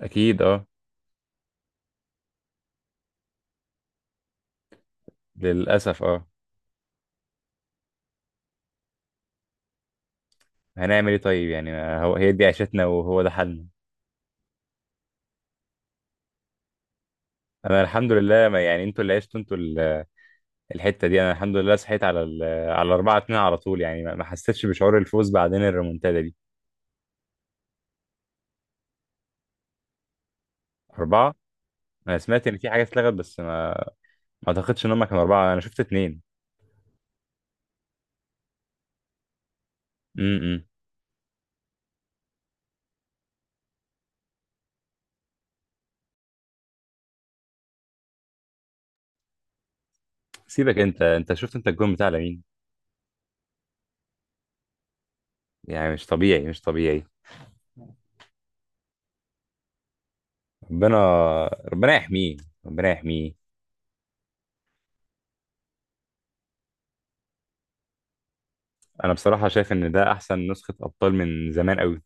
اكيد اه. للاسف اه. هنعمل ايه طيب؟ يعني ما هو هي دي عيشتنا وهو ده حالنا. انا الحمد لله، ما يعني، انتوا اللي عشتوا انتوا الحته دي. انا الحمد لله صحيت على ال على 4-2 على طول، يعني ما حسيتش بشعور الفوز، بعدين الريمونتادا دي اربعه. انا سمعت ان في حاجه اتلغت بس ما اعتقدش ان هم كانوا اربعه، انا شفت اتنين. إمم. سيبك انت شفت انت الجون بتاع لمين؟ يعني مش طبيعي، مش طبيعي. ربنا، ربنا يحميه، ربنا يحميه. انا بصراحه شايف ان ده احسن نسخه ابطال من زمان قوي،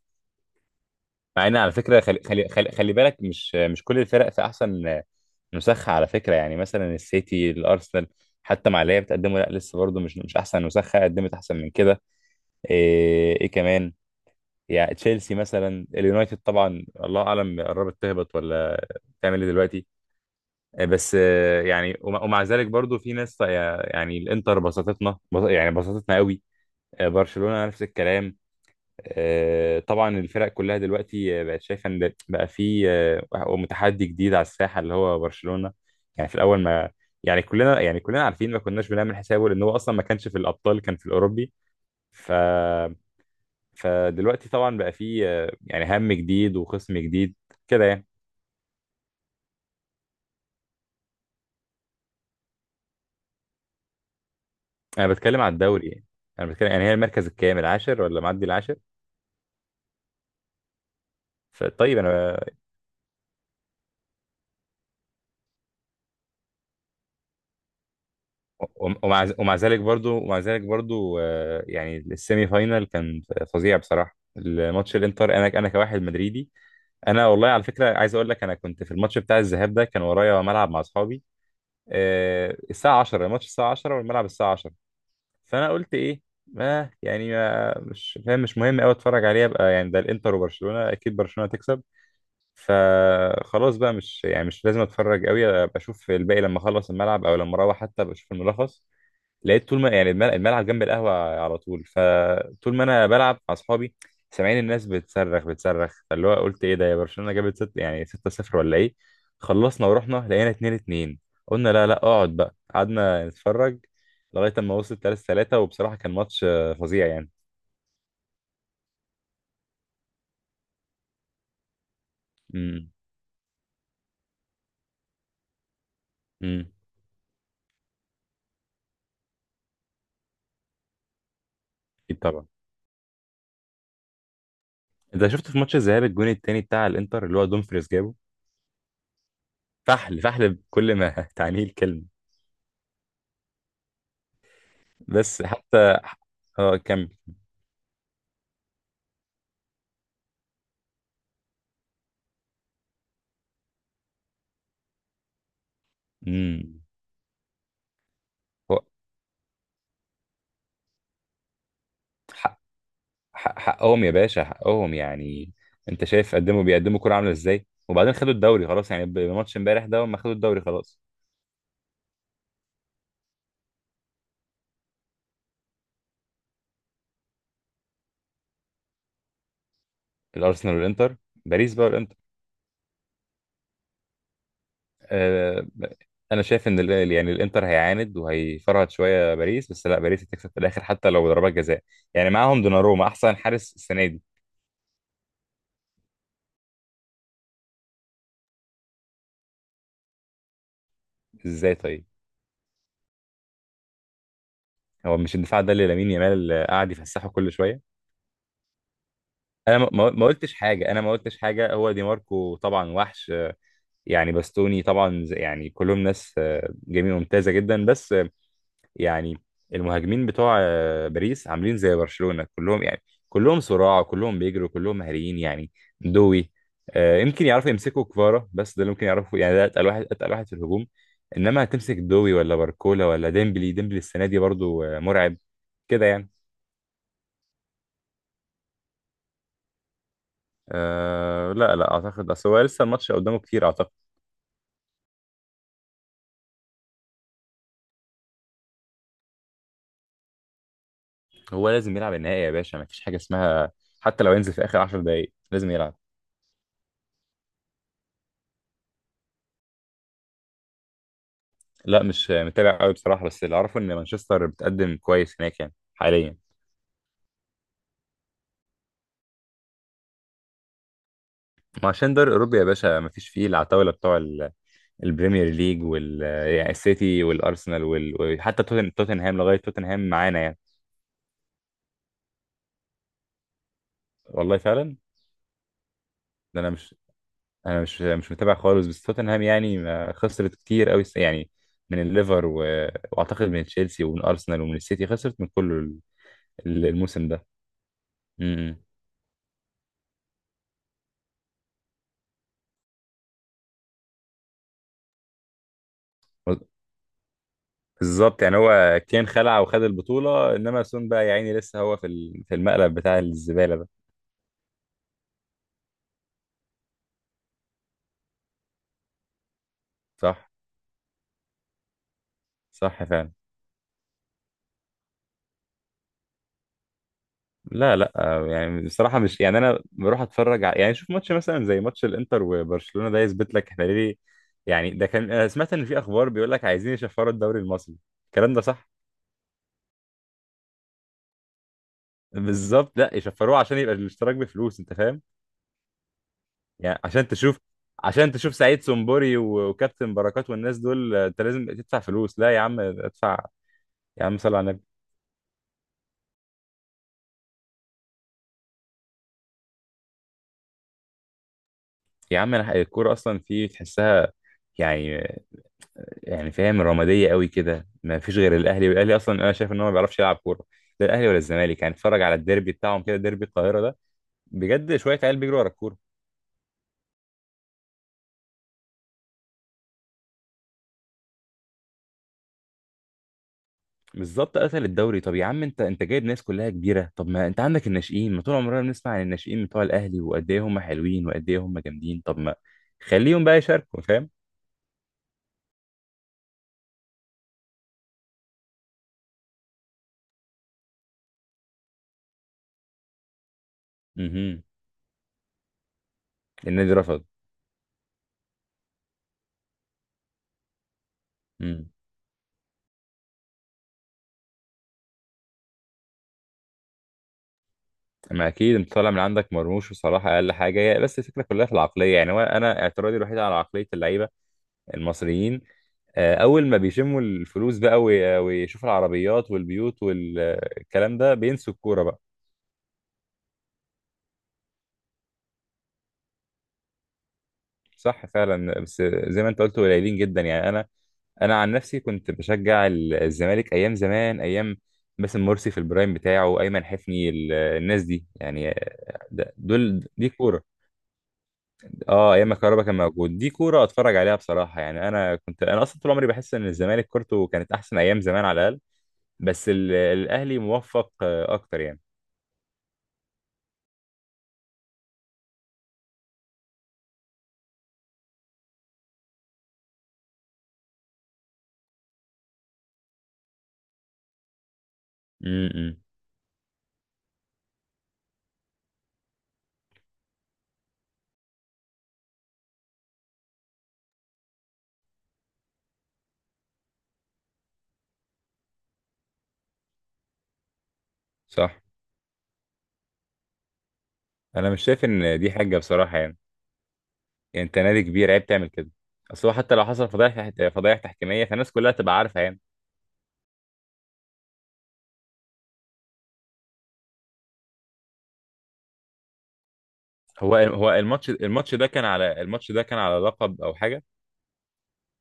مع ان على فكره خلي بالك، مش كل الفرق في احسن نسخه على فكره. يعني مثلا السيتي، الارسنال حتى مع اللي هي بتقدمه، لا لسه برضه مش احسن نسخه، قدمت احسن من كده. إيه كمان؟ يعني تشيلسي مثلا، اليونايتد طبعا الله اعلم قربت تهبط ولا تعمل ايه دلوقتي. إيه بس يعني ومع ذلك برضو في ناس يعني الانتر بسطتنا، يعني بسطتنا قوي. برشلونة نفس الكلام. طبعا الفرق كلها دلوقتي بقت شايفه ان بقى في متحدي جديد على الساحه اللي هو برشلونه. يعني في الاول ما، يعني كلنا، عارفين ما كناش بنعمل حسابه، لان هو اصلا ما كانش في الابطال، كان في الاوروبي. ف فدلوقتي طبعا بقى في يعني هم جديد وخصم جديد كده يعني. انا بتكلم على الدوري يعني، انا بتكلم يعني هي المركز الكام؟ العاشر ولا معدي العاشر؟ فطيب انا ومع ذلك برضو، يعني السيمي فاينال كان فظيع بصراحه، الماتش الانتر، انا كواحد مدريدي. انا والله على فكره عايز اقول لك، انا كنت في الماتش بتاع الذهاب ده، كان ورايا ملعب مع اصحابي. الساعه 10 الماتش، الساعه 10 والملعب الساعه 10. فانا قلت ايه، ما يعني ما، مش فاهم، مش مهم قوي اتفرج عليه، ابقى يعني ده الانتر وبرشلونه، اكيد برشلونه تكسب. فخلاص بقى مش، يعني مش لازم اتفرج قوي، ابقى اشوف الباقي لما اخلص الملعب، او لما اروح حتى ابقى اشوف الملخص. لقيت طول ما، يعني الملعب جنب القهوة على طول، فطول ما أنا بلعب مع أصحابي سامعين الناس بتصرخ بتصرخ، فاللي هو قلت إيه ده؟ يا برشلونة جابت ست يعني 6-0 ولا إيه؟ خلصنا ورحنا لقينا 2-2. قلنا لا، لا، اقعد بقى، قعدنا نتفرج لغاية أما وصلت 3-3، وبصراحة كان ماتش فظيع يعني. امم امم أكيد طبعا. أنت شفت في ماتش الذهاب الجون التاني بتاع الإنتر اللي هو دومفريز جابه؟ فحل، فحل بكل ما تعنيه الكلمة. بس حتى، اه كمل. امم حقهم يا باشا، حقهم يعني. انت شايف، قدموا بيقدموا كرة عاملة ازاي، وبعدين خدوا الدوري خلاص، يعني بماتش امبارح ده هم خدوا الدوري خلاص. الارسنال والانتر، باريس بقى والانتر. آه. انا شايف ان يعني الانتر هيعاند وهيفرهد شويه باريس، بس لا باريس هتكسب في الاخر حتى لو ضربات جزاء، يعني معاهم دوناروما احسن حارس السنه دي. ازاي طيب؟ هو مش الدفاع ده اللي لامين يامال قاعد يفسحه كل شويه؟ انا ما قلتش حاجه، انا ما قلتش حاجه. هو دي ماركو طبعا وحش، يعني باستوني طبعا يعني كلهم ناس جميل، ممتازه جدا، بس يعني المهاجمين بتوع باريس عاملين زي برشلونه كلهم يعني، كلهم صراع، كلهم بيجروا، كلهم مهاريين يعني. دوي، يمكن يعرفوا يمسكوا كفارا، بس ده اللي ممكن يعرفوا، يعني ده اتقل واحد، اتقل واحد في الهجوم. انما هتمسك دوي ولا باركولا ولا ديمبلي؟ ديمبلي السنه دي برضو مرعب كده يعني. أه لا، لا اعتقد، اصل هو لسه الماتش قدامه كتير اعتقد. هو لازم يلعب النهائي يا باشا، ما فيش حاجه اسمها، حتى لو ينزل في اخر 10 دقائق لازم يلعب. لا مش متابع قوي بصراحة، بس اللي أعرفه إن مانشستر بتقدم كويس هناك يعني حاليا. ما عشان دوري أوروبا يا باشا مفيش فيه العتاولة بتوع البريمير ليج يعني السيتي والأرسنال توتنهام لغاية توتنهام معانا يعني. والله فعلا. ده أنا مش أنا مش متابع خالص، بس توتنهام يعني ما خسرت كتير قوي يعني، من الليفر و... وأعتقد من تشيلسي ومن أرسنال ومن السيتي، خسرت من كل الموسم ده. م- م. بالظبط، يعني هو كان خلع وخد البطولة، انما سون بقى يا عيني لسه هو في في المقلب بتاع الزبالة ده. صح، صح فعلا. لا، لا، يعني بصراحة مش، يعني انا بروح اتفرج على، يعني شوف ماتش مثلا زي ماتش الانتر وبرشلونة، ده يثبت لك احنا ليه يعني. ده كان، انا سمعت ان في اخبار بيقول لك عايزين يشفروا الدوري المصري، الكلام ده صح؟ بالظبط، لا يشفروه عشان يبقى الاشتراك بفلوس، انت فاهم؟ يعني عشان تشوف، سعيد سمبوري و- وكابتن بركات والناس دول انت لازم تدفع فلوس؟ لا يا عم ادفع، يا عم صل على النبي. يا عم انا الكوره اصلا في تحسها، يعني يعني فاهم، رماديه قوي كده، ما فيش غير الاهلي، والاهلي اصلا انا شايف ان هو ما بيعرفش يلعب كوره، لا الاهلي ولا الزمالك. يعني اتفرج على الديربي بتاعهم كده، ديربي القاهره ده، بجد شويه عيال بيجروا ورا الكوره. بالظبط، قتل الدوري. طب يا عم انت جايب ناس كلها كبيره، طب ما انت عندك الناشئين، ما طول عمرنا بنسمع عن الناشئين بتوع الاهلي وقد ايه هم حلوين وقد ايه هم جامدين، طب ما خليهم بقى يشاركوا، فاهم؟ مهم. النادي رفض؟ ما اكيد، انت طالع من عندك مرموش بصراحه، اقل حاجه هي، بس الفكره كلها في العقليه يعني، هو انا اعتراضي الوحيد على عقليه اللعيبه المصريين. اول ما بيشموا الفلوس بقى وي- ويشوفوا العربيات والبيوت والكلام ده، بينسوا الكوره بقى. صح فعلا، بس زي ما انت قلت قليلين جدا. يعني انا عن نفسي كنت بشجع الزمالك ايام زمان، ايام باسم مرسي في البرايم بتاعه، ايمن حفني، الناس دي يعني، دول دي كوره. اه ايام ما كهربا كان موجود، دي كوره اتفرج عليها بصراحه. يعني انا كنت، انا اصلا طول عمري بحس ان الزمالك كورته كانت احسن ايام زمان على الاقل، بس الاهلي موفق اكتر يعني. امم صح. انا مش شايف ان دي حاجه بصراحه يعني، يعني انت نادي كبير، عيب تعمل كده. اصل هو حتى لو حصل فضايح، فضايح تحكيميه، فالناس كلها تبقى عارفه يعني. هو الماتش ده كان على، الماتش ده كان على لقب او حاجه،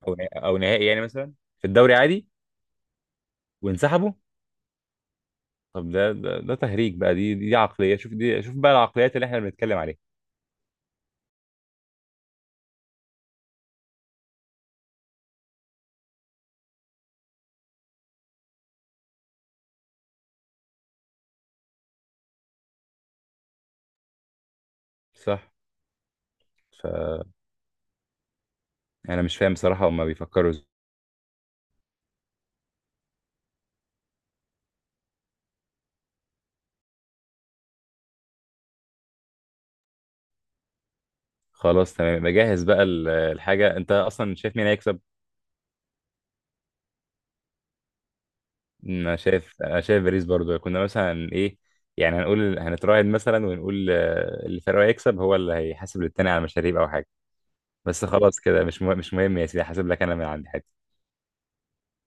او نهائي يعني مثلا، في الدوري عادي وانسحبوا؟ طب ده، ده تهريج بقى. دي عقلية، شوف بقى العقليات اللي احنا بنتكلم عليها. صح. ف انا مش فاهم بصراحة هما بيفكروا ازاي. خلاص تمام، بجهز بقى الحاجة. انت اصلا شايف مين هيكسب؟ انا شايف، باريس برضو. كنا مثلا ايه يعني، هنقول هنتراهن مثلا ونقول اللي فريقه هيكسب هو اللي هيحاسب للتاني على مشاريب او حاجة. بس خلاص كده مش مهم يا سيدي، هحاسب لك انا من عندي.